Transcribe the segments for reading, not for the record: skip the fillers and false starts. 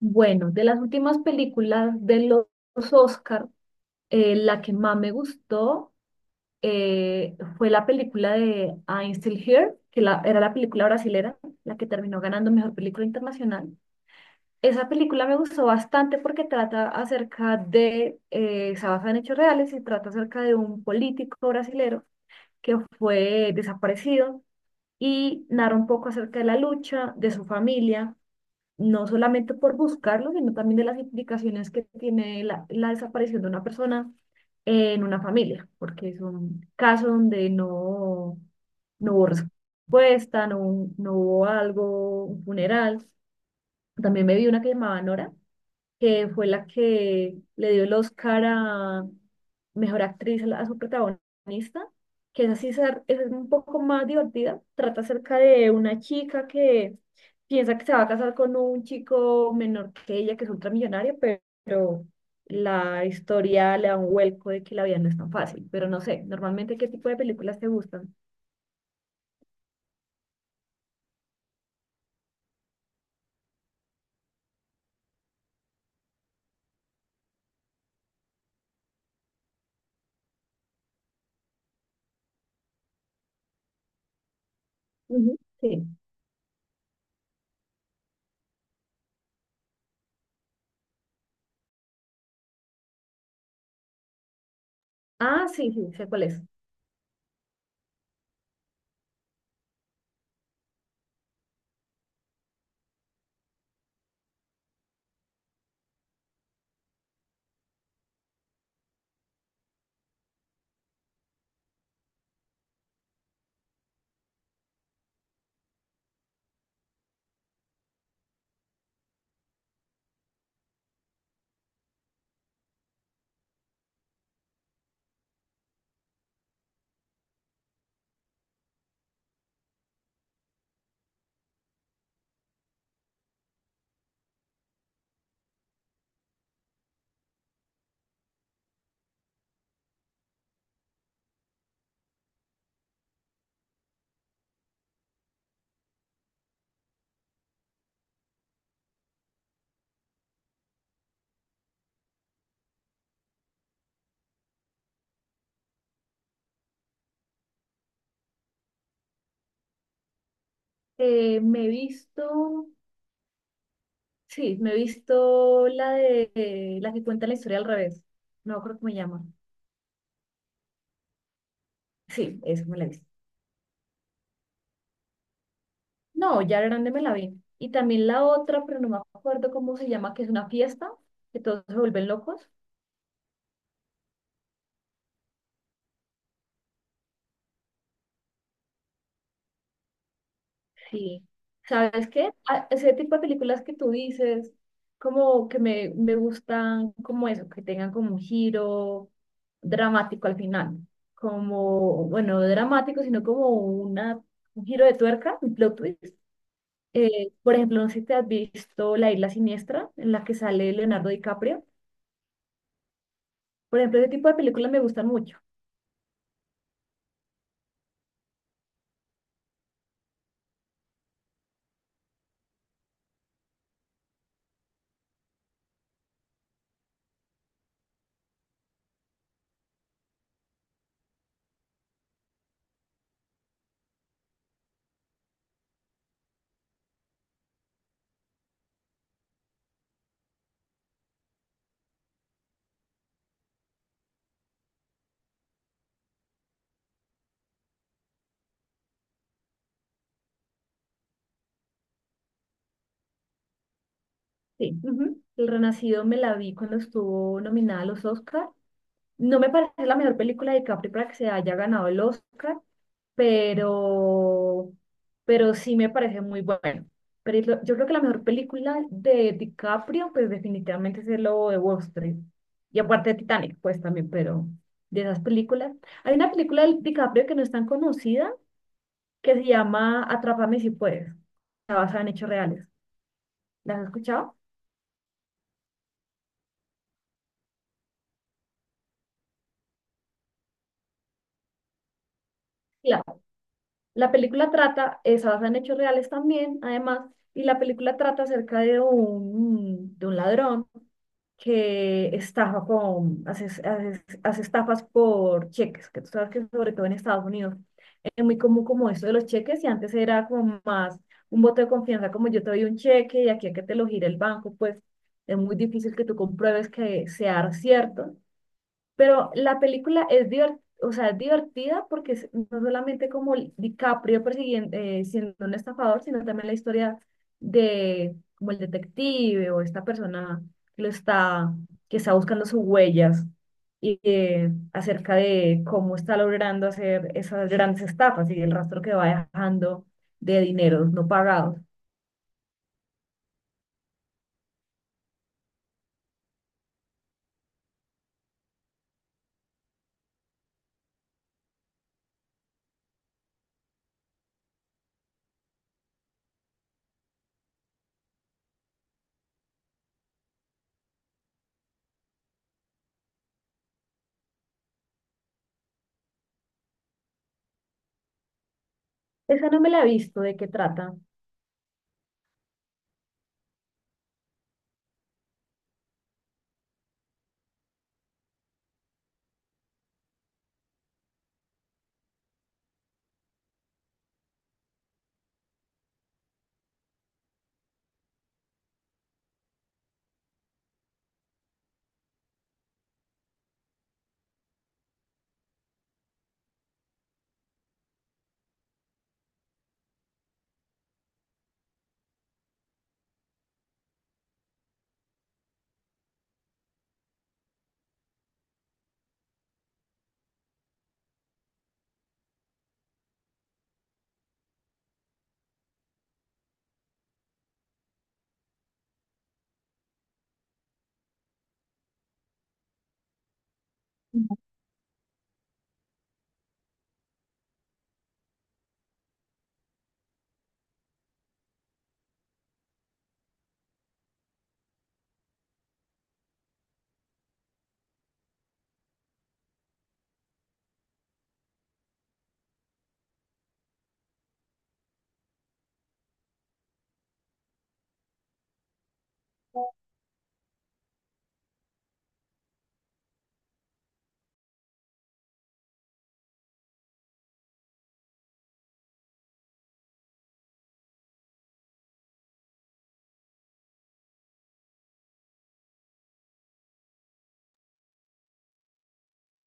Bueno, de las últimas películas de los Oscar, la que más me gustó fue la película de I'm Still Here, que era la película brasilera, la que terminó ganando Mejor Película Internacional. Esa película me gustó bastante porque trata acerca de, se basa en hechos reales y trata acerca de un político brasilero que fue desaparecido y narra un poco acerca de la lucha, de su familia no solamente por buscarlo, sino también de las implicaciones que tiene la desaparición de una persona en una familia, porque es un caso donde no, no hubo respuesta, no, no hubo algo, un funeral. También me vi una que llamaba Nora, que fue la que le dio el Oscar a mejor actriz a, a su protagonista, que es así, es un poco más divertida. Trata acerca de una chica que piensa que se va a casar con un chico menor que ella, que es ultramillonario, pero la historia le da un vuelco de que la vida no es tan fácil. Pero no sé, normalmente, ¿qué tipo de películas te gustan? Ujú. Sí. Ah, sí, sí, sé cuál es. Me he visto. Sí, me he visto la de la que cuenta la historia al revés. No me acuerdo cómo se llama. Sí, esa me la he visto. No, ya grande me la vi. Y también la otra, pero no me acuerdo cómo se llama, que es una fiesta, que todos se vuelven locos. Sí. ¿Sabes qué? Ese tipo de películas que tú dices, como que me gustan como eso, que tengan como un giro dramático al final. Como, bueno, no dramático, sino como una, un giro de tuerca, un plot twist. Por ejemplo, no sé si te has visto La Isla Siniestra, en la que sale Leonardo DiCaprio. Por ejemplo, ese tipo de películas me gustan mucho. Sí. Ujú. El Renacido me la vi cuando estuvo nominada a los Oscar. No me parece la mejor película de DiCaprio para que se haya ganado el Oscar, pero, pero sí me parece muy bueno. Pero es yo creo que la mejor película de DiCaprio, pues definitivamente es El Lobo de Wall Street. Y aparte de Titanic, pues también, pero de esas películas. Hay una película de DiCaprio que no es tan conocida, que se llama Atrápame si puedes. Está basada en hechos reales. ¿La has escuchado? la La película trata, es basada en hechos reales también, además, y la película trata acerca de un ladrón que estafa con, hace estafas por cheques, que tú sabes que sobre todo en Estados Unidos es muy común como esto de los cheques y antes era como más un voto de confianza, como yo te doy un cheque y aquí a que te lo gire el banco, pues es muy difícil que tú compruebes que sea cierto. Pero la película es divertida, o sea, es divertida porque es no solamente como DiCaprio persiguiendo, siendo un estafador, sino también la historia de como el detective o esta persona que lo está, que está buscando sus huellas y acerca de cómo está logrando hacer esas grandes estafas y el rastro que va dejando de dineros no pagados. Esa no me la he visto, ¿de qué trata?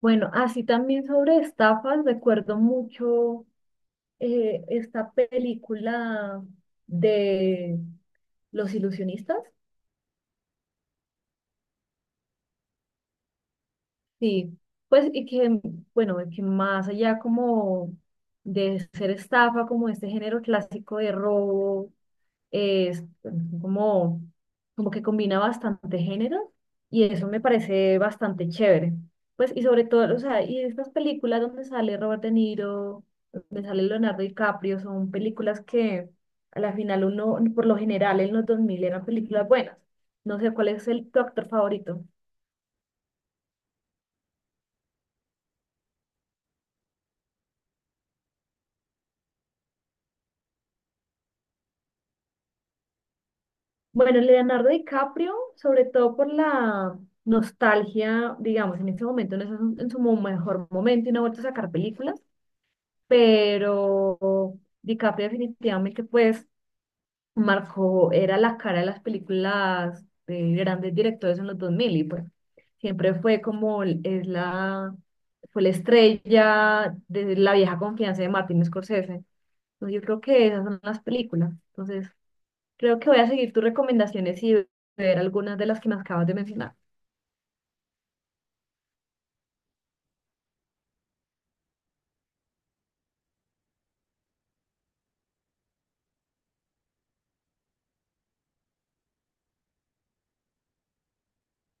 Bueno, así también sobre estafas, recuerdo mucho esta película de los ilusionistas. Sí, pues y que, bueno, que más allá como de ser estafa, como este género clásico de robo, es como, como que combina bastante género y eso me parece bastante chévere. Pues, y sobre todo, o sea, y estas películas donde sale Robert De Niro, donde sale Leonardo DiCaprio, son películas que a la final uno, por lo general en los 2000 eran películas buenas. No sé cuál es el, tu actor favorito. Bueno, Leonardo DiCaprio, sobre todo por la nostalgia, digamos, en este momento no es en su mejor momento y no ha vuelto a sacar películas pero DiCaprio definitivamente pues marcó, era la cara de las películas de grandes directores en los 2000 y pues siempre fue como es la, fue la estrella de la vieja confianza de Martin Scorsese. Entonces, yo creo que esas son las películas. Entonces creo que voy a seguir tus recomendaciones y ver algunas de las que me acabas de mencionar.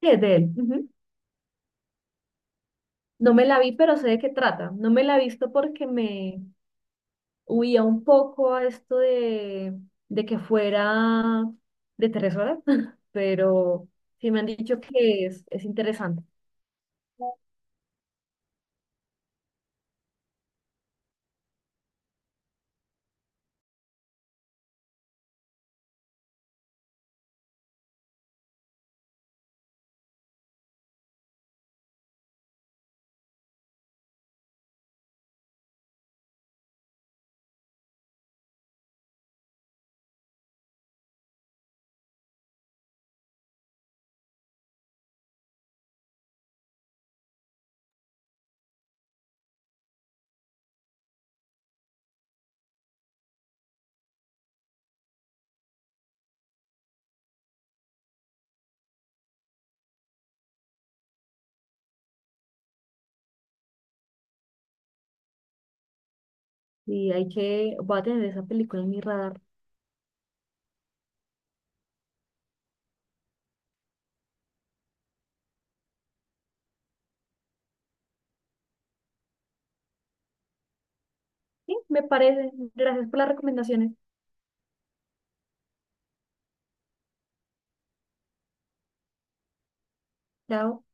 Sí, es de él. Ujú. No me la vi, pero sé de qué trata. No me la he visto porque me, huía un poco a esto de que fuera de 3 horas, pero sí me han dicho que es interesante y hay que, voy a tener esa película en mi radar. Sí, me parece. Gracias por las recomendaciones. Chao.